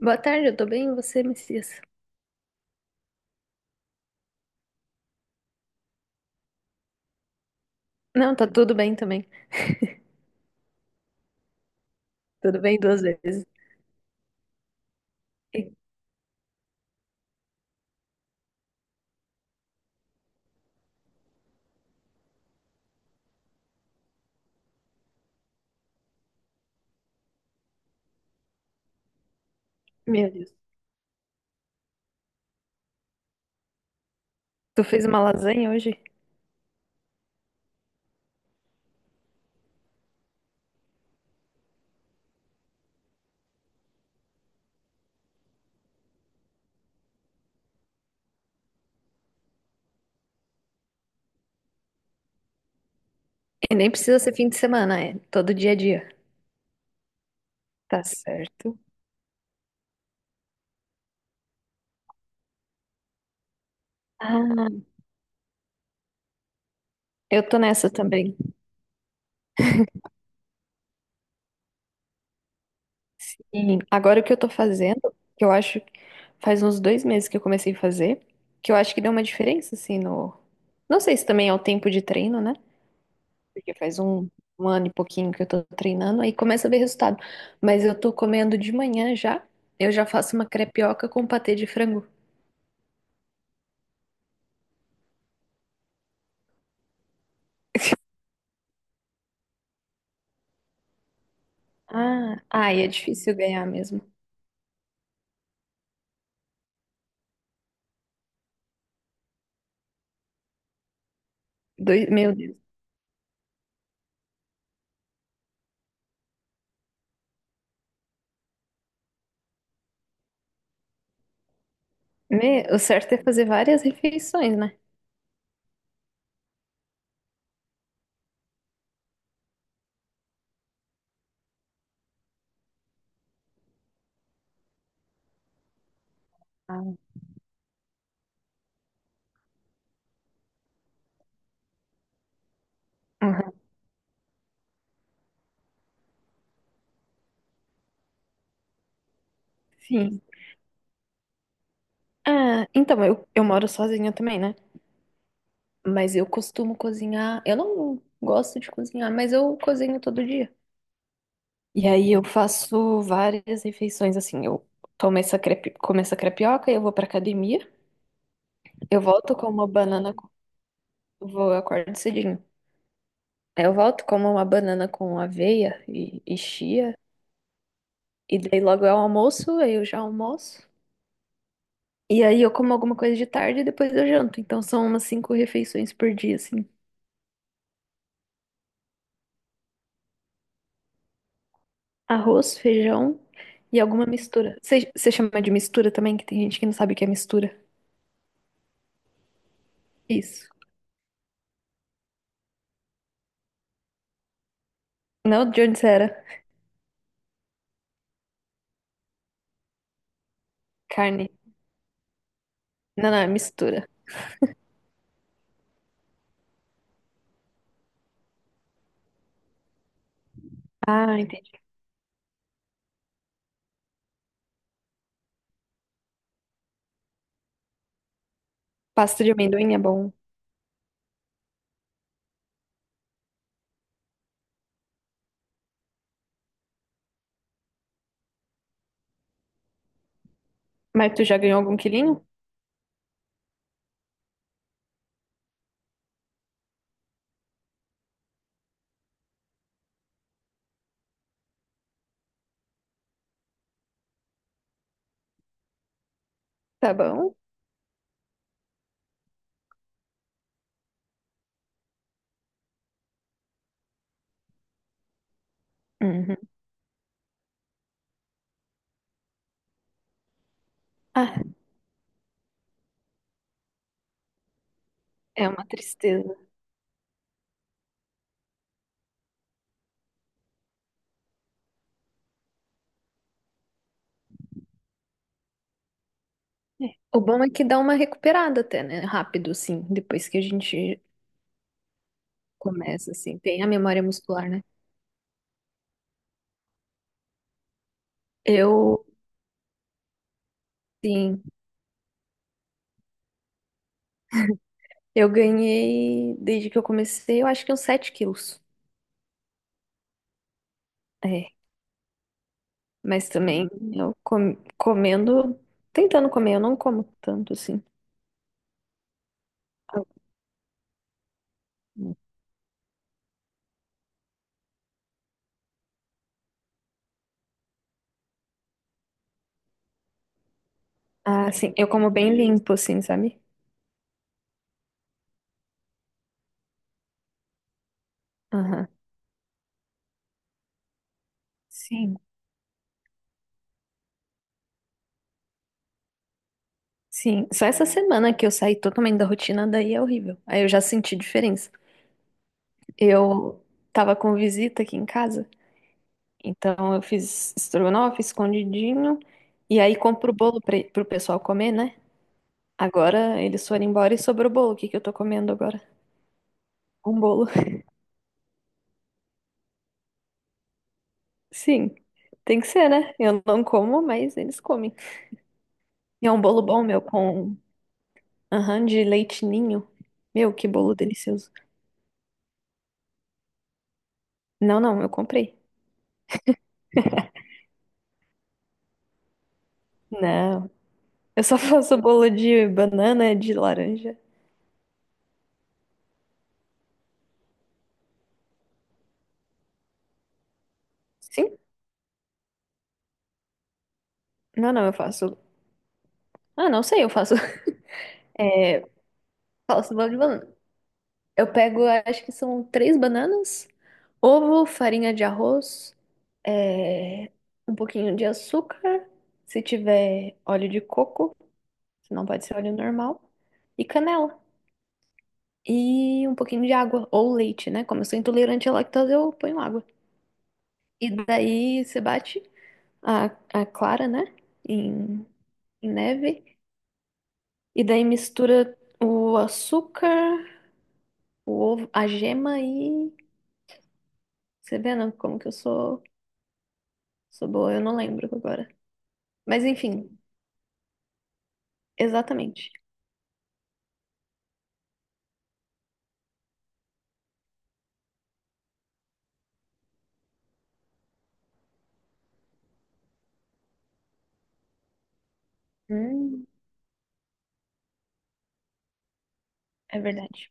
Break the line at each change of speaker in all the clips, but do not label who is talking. Boa tarde, eu tô bem, e você, Messias? Não, tá tudo bem também. Tudo bem duas vezes. E- Meu Deus. Tu fez uma lasanha hoje? E nem precisa ser fim de semana, é todo dia a dia. Tá certo. Ah, eu tô nessa também. E agora o que eu tô fazendo, que eu acho que faz uns 2 meses que eu comecei a fazer, que eu acho que deu uma diferença, assim, no. Não sei se também é o tempo de treino, né? Porque faz 1 ano e pouquinho que eu tô treinando, aí começa a ver resultado. Mas eu tô comendo de manhã já, eu já faço uma crepioca com patê de frango. Ah, ai, é difícil ganhar mesmo. Dois, meu Deus. Me- o certo é fazer várias refeições, né? Ah, aham. Sim. Ah, então, eu moro sozinha também, né? Mas eu costumo cozinhar. Eu não gosto de cozinhar, mas eu cozinho todo dia. E aí eu faço várias refeições, assim. Eu tomo essa crepe, como essa crepioca, eu vou pra academia. Eu volto com uma banana, com- vou eu acordo cedinho. Eu volto como uma banana com aveia e chia, e daí logo é o almoço, aí eu já almoço. E aí eu como alguma coisa de tarde e depois eu janto. Então são umas 5 refeições por dia, assim. Arroz, feijão e alguma mistura. Você chama de mistura também, que tem gente que não sabe o que é mistura. Isso. Não, de onde você era? Carne. Não, não, é mistura. Ah, entendi. Pasta de amendoim é bom. Mas tu já ganhou algum quilinho? Tá bom. Uhum. Ah, é uma tristeza. É. O bom é que dá uma recuperada até, né? Rápido, assim, depois que a gente começa, assim, tem a memória muscular, né? Eu, sim, eu ganhei, desde que eu comecei, eu acho que uns 7 quilos. É, mas também eu comendo, tentando comer, eu não como tanto, assim. Ah, sim, eu como bem limpo, assim, sabe? Aham. Sim, sim. Só essa semana que eu saí totalmente da rotina, daí é horrível. Aí eu já senti diferença. Eu tava com visita aqui em casa, então eu fiz estrogonofe, escondidinho, e aí compro o bolo pra, pro pessoal comer, né? Agora eles foram embora e sobrou o bolo. O que que eu tô comendo agora? Um bolo. Sim, tem que ser, né? Eu não como, mas eles comem. E é um bolo bom, meu, com aham, de leite ninho. Meu, que bolo delicioso. Não, não, eu comprei. Não, eu só faço bolo de banana, de laranja. Sim? Não, não, eu faço. Ah, não sei, eu faço. É, faço bolo de banana. Eu pego, acho que são 3 bananas, ovo, farinha de arroz, é, um pouquinho de açúcar, se tiver óleo de coco, se não pode ser óleo normal, e canela. E um pouquinho de água, ou leite, né? Como eu sou intolerante à lactose, eu ponho água. E daí você bate a, a clara, né? Em, em neve. E daí mistura o açúcar, o ovo, a gema e você vê, né, como que sou boa? Eu não lembro agora. Mas enfim, exatamente. Hum, é verdade.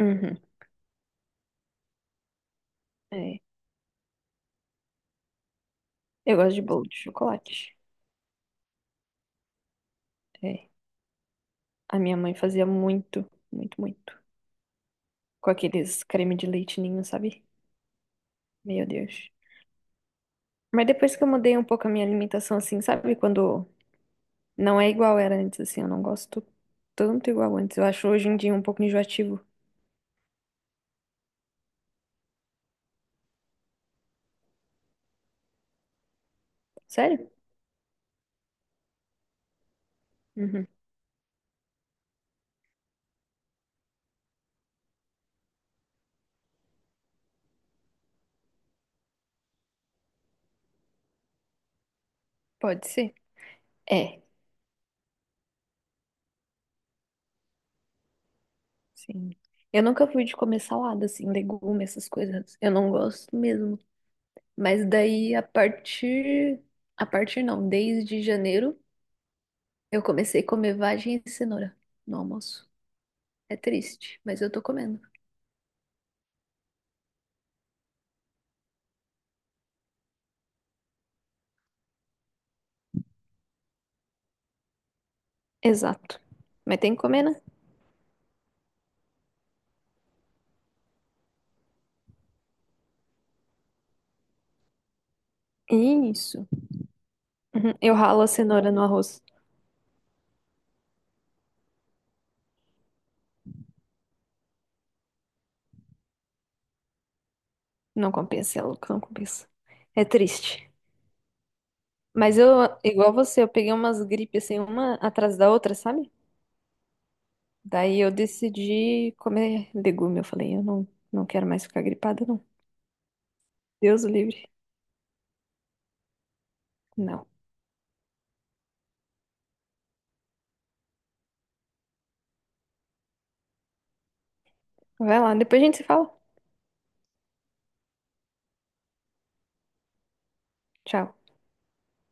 Uhum, é. Eu gosto de bolo de chocolate. É. A minha mãe fazia muito, muito, muito. Com aqueles creme de leite ninho, sabe? Meu Deus. Mas depois que eu mudei um pouco a minha alimentação, assim, sabe? Quando não é igual era antes, assim, eu não gosto tanto igual antes. Eu acho hoje em dia um pouco enjoativo. Sério? Uhum. Pode ser. É. Sim. Eu nunca fui de comer salada, assim, legume, essas coisas. Eu não gosto mesmo. Mas daí, a partir. A partir não, desde janeiro, eu comecei a comer vagem e cenoura no almoço. É triste, mas eu tô comendo. Exato. Mas tem que comer, né? Isso. Uhum. Eu ralo a cenoura no arroz. Não compensa, é louco, não compensa. É triste. Mas eu, igual você, eu peguei umas gripes assim, uma atrás da outra, sabe? Daí eu decidi comer legume. Eu falei, eu não, não quero mais ficar gripada, não. Deus o livre. Não. Vai lá, depois a gente se fala. Tchau.